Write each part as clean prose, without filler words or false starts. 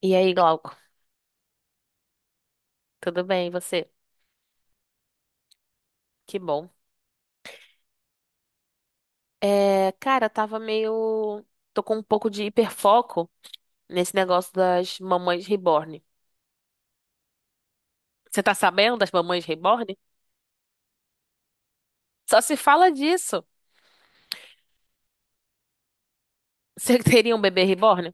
E aí, Glauco? Tudo bem, e você? Que bom. É, cara, tava meio. Tô com um pouco de hiperfoco nesse negócio das mamães reborn. Você tá sabendo das mamães reborn? Só se fala disso. Você teria um bebê reborn?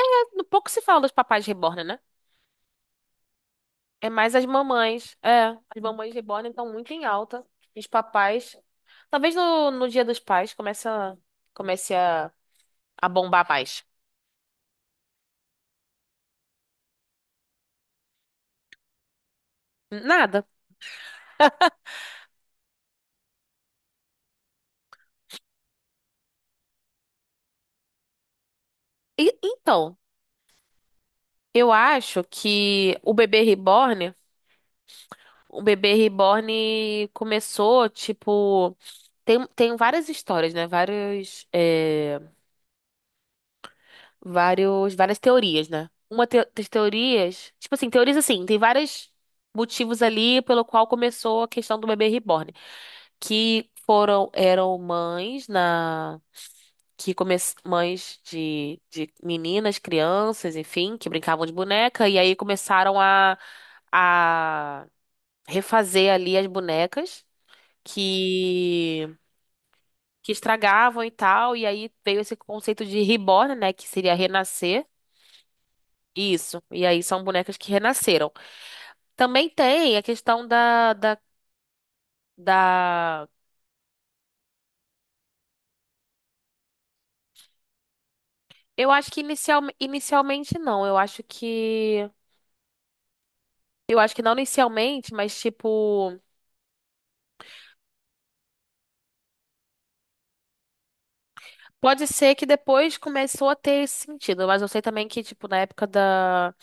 É, pouco se fala dos papais reborn, né? É mais as mamães. É, as mamães reborn estão muito em alta. Os papais. Talvez no Dia dos Pais comece a, a bombar mais. Nada. Então. Eu acho que o bebê reborn começou, tipo, tem várias histórias, né? Vários, é, vários, várias teorias, né? Das teorias, tipo assim, teorias assim, tem vários motivos ali pelo qual começou a questão do bebê reborn, que foram, eram mães na que come... mães de meninas, crianças, enfim, que brincavam de boneca, e aí começaram a refazer ali as bonecas que que estragavam e tal, e aí veio esse conceito de reborn, né, que seria renascer. Isso. E aí são bonecas que renasceram. Também tem a questão da... Eu acho que inicialmente não. Eu acho que não inicialmente, mas tipo pode ser que depois começou a ter esse sentido, mas eu sei também que, tipo, na época da,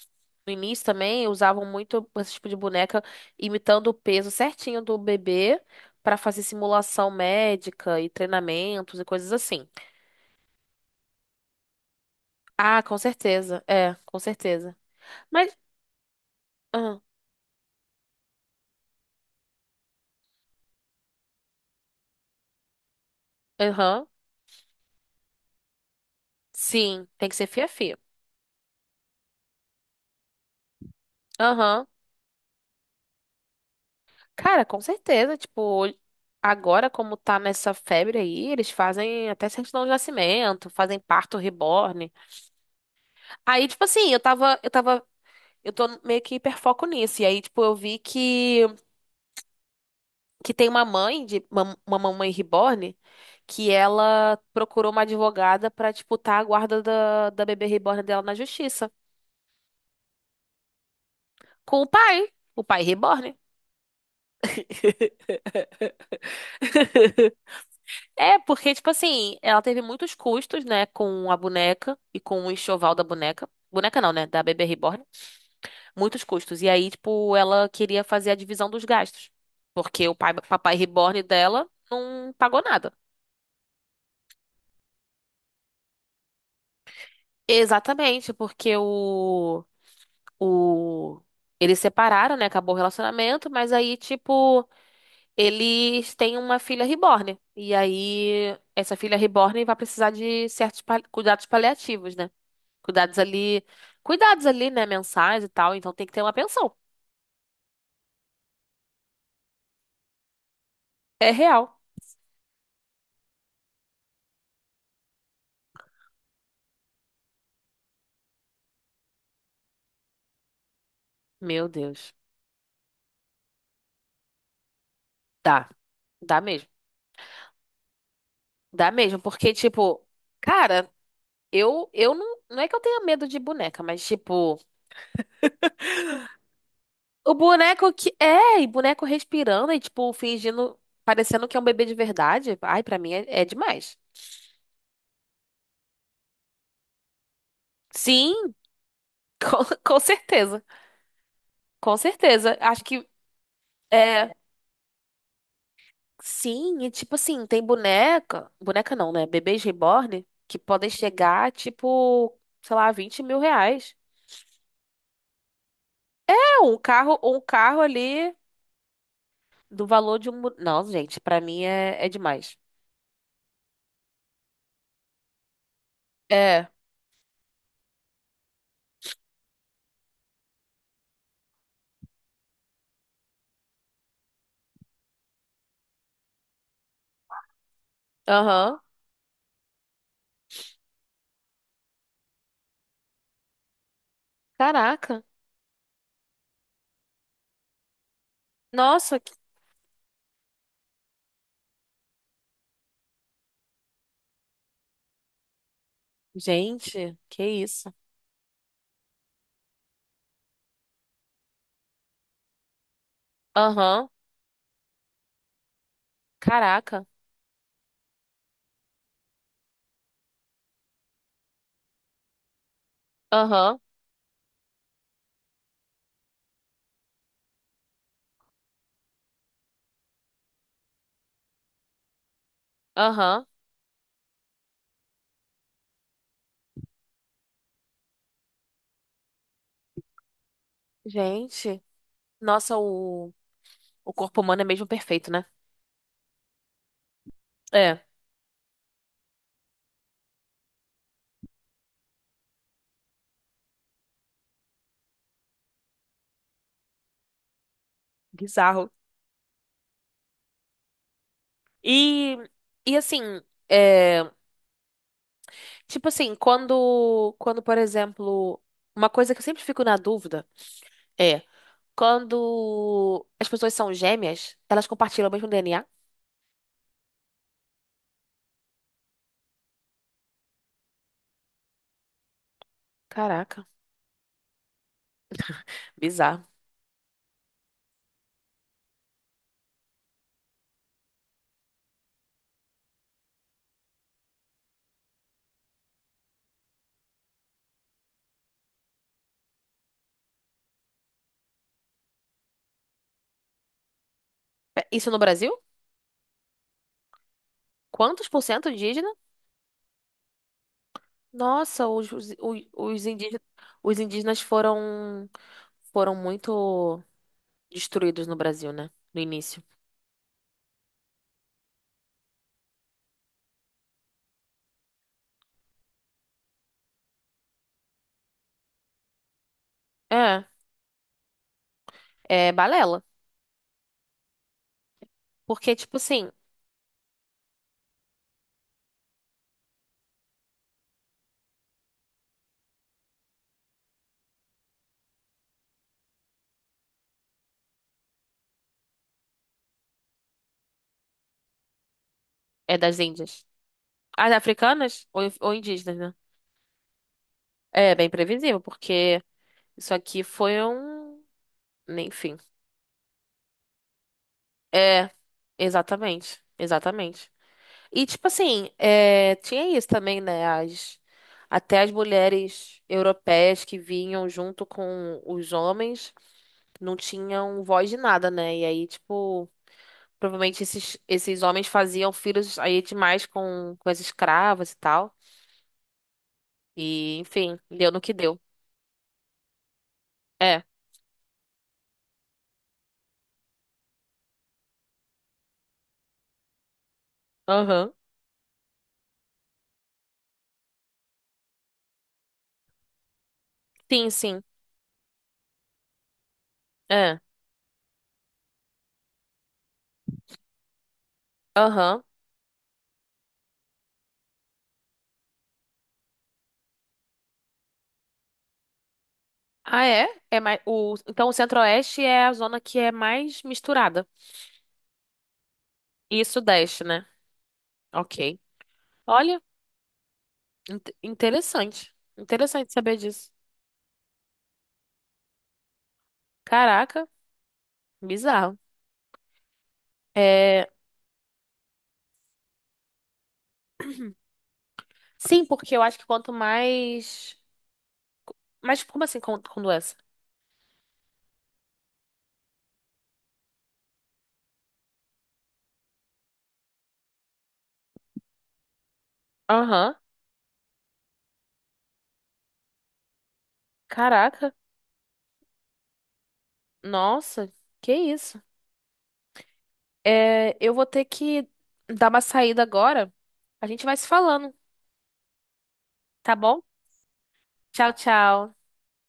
no início também usavam muito esse tipo de boneca imitando o peso certinho do bebê para fazer simulação médica e treinamentos e coisas assim. Ah, com certeza. É, com certeza. Mas, ah, aham, sim, tem que ser fia-fia. Aham. Cara, com certeza, tipo, agora como tá nessa febre aí, eles fazem até certidão de nascimento, fazem parto reborn. Aí, tipo assim, eu tô meio que hiperfoco nisso. E aí, tipo, eu vi que tem uma mãe de uma mamãe reborn que ela procurou uma advogada pra disputar a guarda da, da bebê reborn dela na justiça com o pai reborn. É, porque tipo assim, ela teve muitos custos, né, com a boneca e com o enxoval da boneca. Boneca não, né, da bebê reborn. Muitos custos. E aí, tipo, ela queria fazer a divisão dos gastos, porque o pai, papai reborn dela não pagou nada. Exatamente, porque o eles separaram, né? Acabou o relacionamento, mas aí, tipo, eles têm uma filha reborn. E aí, essa filha reborn vai precisar de certos cuidados paliativos, né? Cuidados ali, cuidados ali, né? Mensais e tal. Então tem que ter uma pensão. É real. Meu Deus. Dá. Dá mesmo. Dá mesmo, porque, tipo, cara, eu não, não é que eu tenha medo de boneca, mas, tipo. O boneco que. É, e boneco respirando e, tipo, fingindo. Parecendo que é um bebê de verdade. Ai, pra mim é, é demais. Sim, com, com certeza. Com certeza. Acho que. É. Sim, e tipo assim, tem boneca. Boneca não, né? Bebês reborn que podem chegar, tipo, sei lá, 20 mil reais. É, um carro ali do valor de um. Não, gente, pra mim é, é demais. É. Aham. Caraca. Nossa, que- gente, que isso. Aham. Caraca. Aham. Aham. Gente. Nossa, o corpo humano é mesmo perfeito, né? É. Bizarro. E, e assim, é, tipo assim, quando, por exemplo, uma coisa que eu sempre fico na dúvida é quando as pessoas são gêmeas, elas compartilham o mesmo DNA? Caraca. Bizarro. É, isso no Brasil? Quantos por cento indígena? Nossa, indígenas, os indígenas foram foram muito. Destruídos no Brasil, né? No início. É, é balela. Porque, tipo assim, é das Índias. As africanas ou indígenas, né? É bem previsível, porque isso aqui foi um. Enfim. É, exatamente. Exatamente. E, tipo assim, é, tinha isso também, né? As, até as mulheres europeias que vinham junto com os homens não tinham voz de nada, né? E aí, tipo. Provavelmente esses, esses homens faziam filhos aí demais com as escravas e tal. E, enfim, deu no que deu. É. Aham. Sim, sim. É. Aham. Ah, é? É mais, o, então o Centro-Oeste é a zona que é mais misturada. E Sudeste, né? Ok. Olha, in- interessante. Interessante saber disso. Caraca, bizarro. É, sim, porque eu acho que quanto mais. Mas como assim, com doença? Aham. Caraca. Nossa, que isso? É, eu vou ter que dar uma saída agora. A gente vai se falando, tá bom? Tchau, tchau.